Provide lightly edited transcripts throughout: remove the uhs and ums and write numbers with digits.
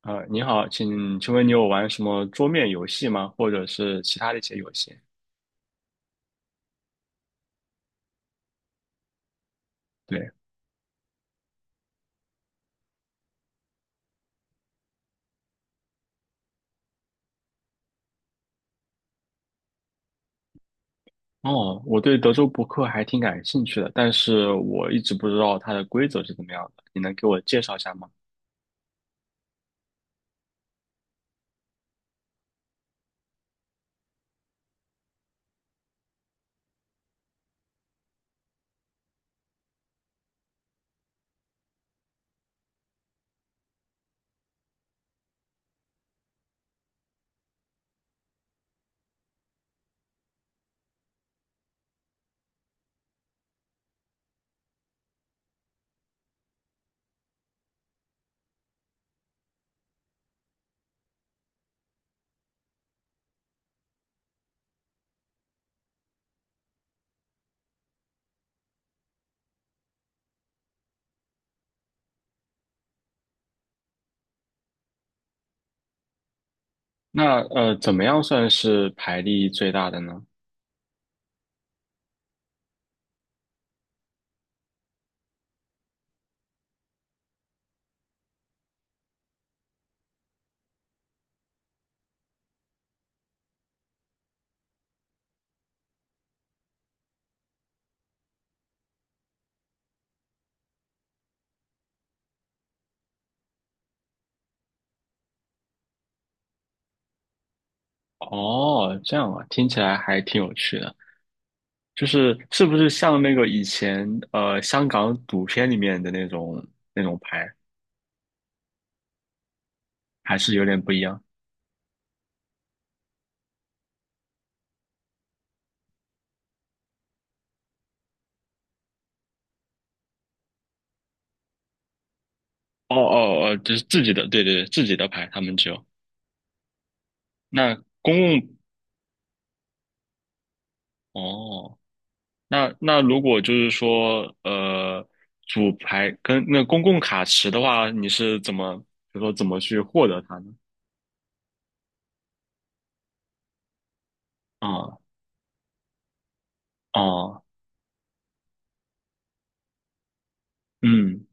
你好，请问你有玩什么桌面游戏吗？或者是其他的一些游戏？对，哦，我对德州扑克还挺感兴趣的，但是我一直不知道它的规则是怎么样的，你能给我介绍一下吗？那怎么样算是牌力最大的呢？哦，这样啊，听起来还挺有趣的。就是是不是像那个以前香港赌片里面的那种牌，还是有点不一样？哦哦哦，就是自己的，对对对，自己的牌，他们只有。那公共哦，那如果就是说，主牌跟那公共卡池的话，你是怎么，比如说怎么去获得它呢？啊哦，嗯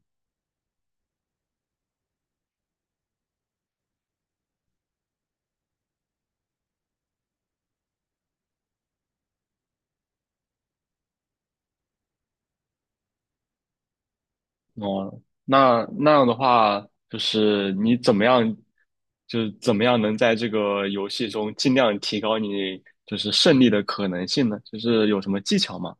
哦，那样的话，就是你怎么样，就是怎么样能在这个游戏中尽量提高你就是胜利的可能性呢？就是有什么技巧吗？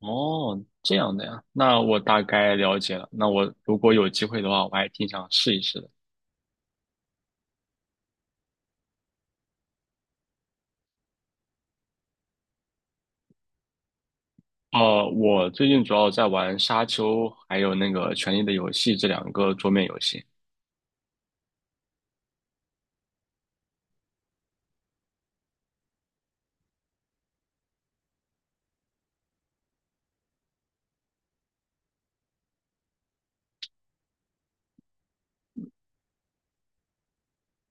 哦，这样的呀，那我大概了解了。那我如果有机会的话，我还挺想试一试的。我最近主要在玩《沙丘》还有那个《权力的游戏》这两个桌面游戏。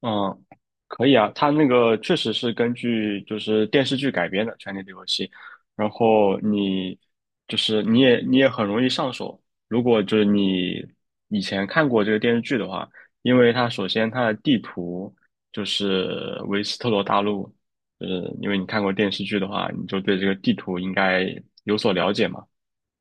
嗯，可以啊，它那个确实是根据就是电视剧改编的《权力的游戏》，然后你就是你也你也很容易上手。如果就是你以前看过这个电视剧的话，因为它首先它的地图就是维斯特罗大陆，就是因为你看过电视剧的话，你就对这个地图应该有所了解嘛。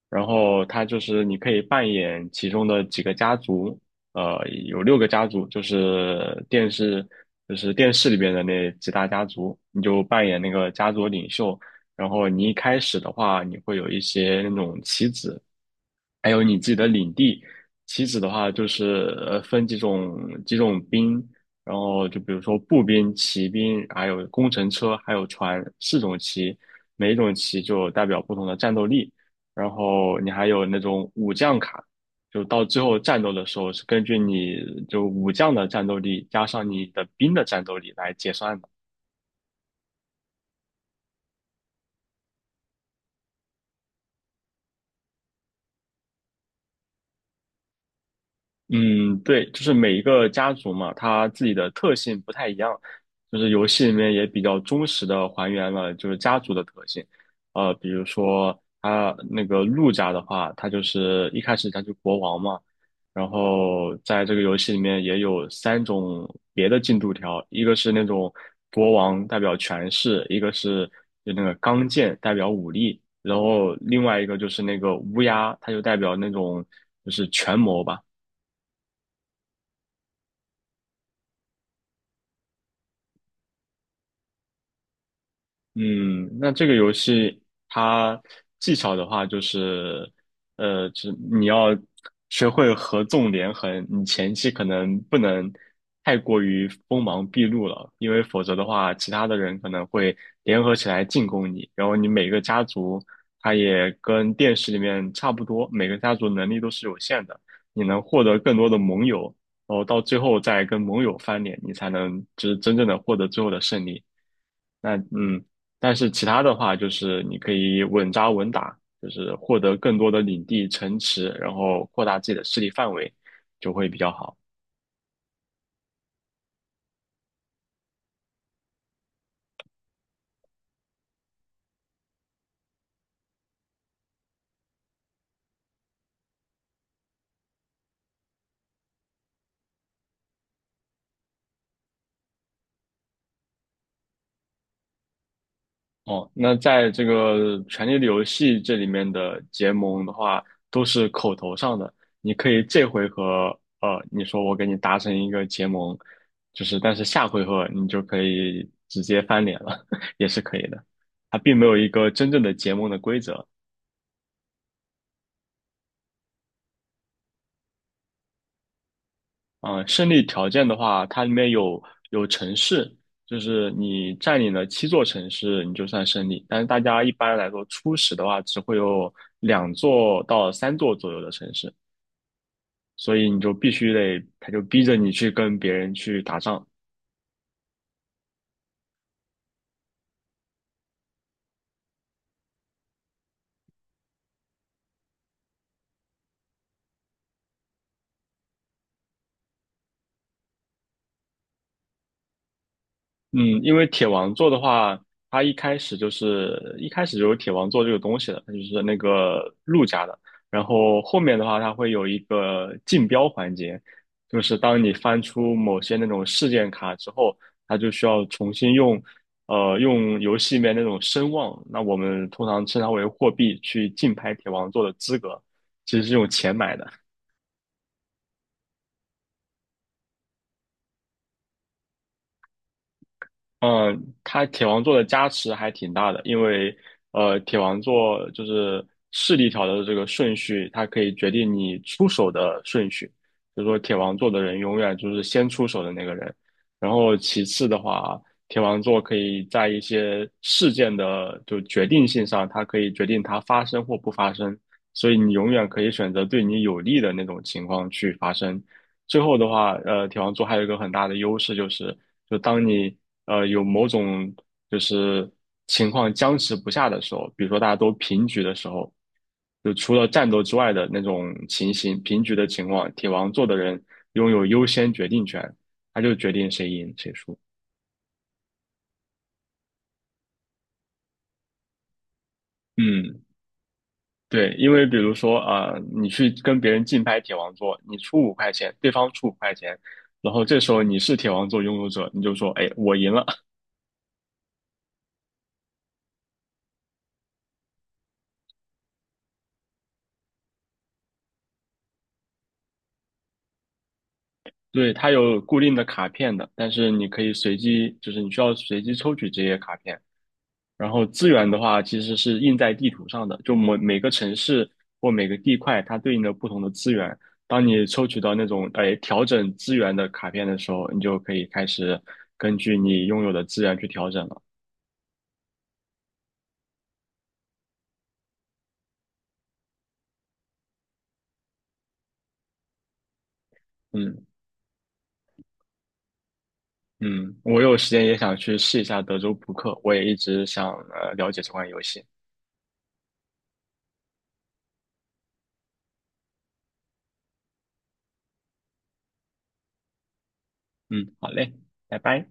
然后它就是你可以扮演其中的几个家族，呃，有六个家族，就是电视里边的那几大家族，你就扮演那个家族领袖。然后你一开始的话，你会有一些那种棋子，还有你自己的领地。棋子的话，就是分几种兵，然后就比如说步兵、骑兵，还有工程车，还有船，四种棋，每一种棋就代表不同的战斗力。然后你还有那种武将卡，就到最后战斗的时候是根据你就武将的战斗力加上你的兵的战斗力来结算的。嗯，对，就是每一个家族嘛，它自己的特性不太一样，就是游戏里面也比较忠实的还原了就是家族的特性，比如说他那个陆家的话，他就是一开始他就国王嘛，然后在这个游戏里面也有三种别的进度条，一个是那种国王代表权势，一个是就那个钢剑代表武力，然后另外一个就是那个乌鸦，它就代表那种就是权谋吧。嗯，那这个游戏它技巧的话，就是，就是你要学会合纵连横，你前期可能不能太过于锋芒毕露了，因为否则的话，其他的人可能会联合起来进攻你，然后你每个家族，它也跟电视里面差不多，每个家族能力都是有限的，你能获得更多的盟友，然后到最后再跟盟友翻脸，你才能就是真正的获得最后的胜利。那但是其他的话，就是你可以稳扎稳打，就是获得更多的领地、城池，然后扩大自己的势力范围，就会比较好。哦，那在这个《权力的游戏》这里面的结盟的话，都是口头上的。你可以这回合，你说我给你达成一个结盟，就是但是下回合你就可以直接翻脸了，也是可以的。它并没有一个真正的结盟的规则。嗯，胜利条件的话，它里面有城市，就是你占领了七座城市，你就算胜利。但是大家一般来说，初始的话只会有两座到三座左右的城市，所以你就必须得，他就逼着你去跟别人去打仗。嗯，因为铁王座的话，它一开始就有铁王座这个东西的，它就是那个陆家的。然后后面的话，它会有一个竞标环节，就是当你翻出某些那种事件卡之后，它就需要重新用，用游戏里面那种声望，那我们通常称它为货币，去竞拍铁王座的资格，其实是用钱买的。嗯，它铁王座的加持还挺大的，因为铁王座就是势力条的这个顺序，它可以决定你出手的顺序。就是说，铁王座的人永远就是先出手的那个人。然后其次的话，铁王座可以在一些事件的就决定性上，它可以决定它发生或不发生。所以你永远可以选择对你有利的那种情况去发生。最后的话，铁王座还有一个很大的优势就是。就当你有某种就是情况僵持不下的时候，比如说大家都平局的时候，就除了战斗之外的那种情形，平局的情况，铁王座的人拥有优先决定权，他就决定谁赢谁输。嗯，对，因为比如说啊、你去跟别人竞拍铁王座，你出五块钱，对方出五块钱，然后这时候你是铁王座拥有者，你就说，哎，我赢了，对，它有固定的卡片的，但是你可以随机，就是你需要随机抽取这些卡片。然后资源的话，其实是印在地图上的，就每个城市或每个地块，它对应的不同的资源。当你抽取到那种调整资源的卡片的时候，你就可以开始根据你拥有的资源去调整了。嗯嗯，我有时间也想去试一下德州扑克，我也一直想了解这款游戏。嗯，好嘞，拜拜。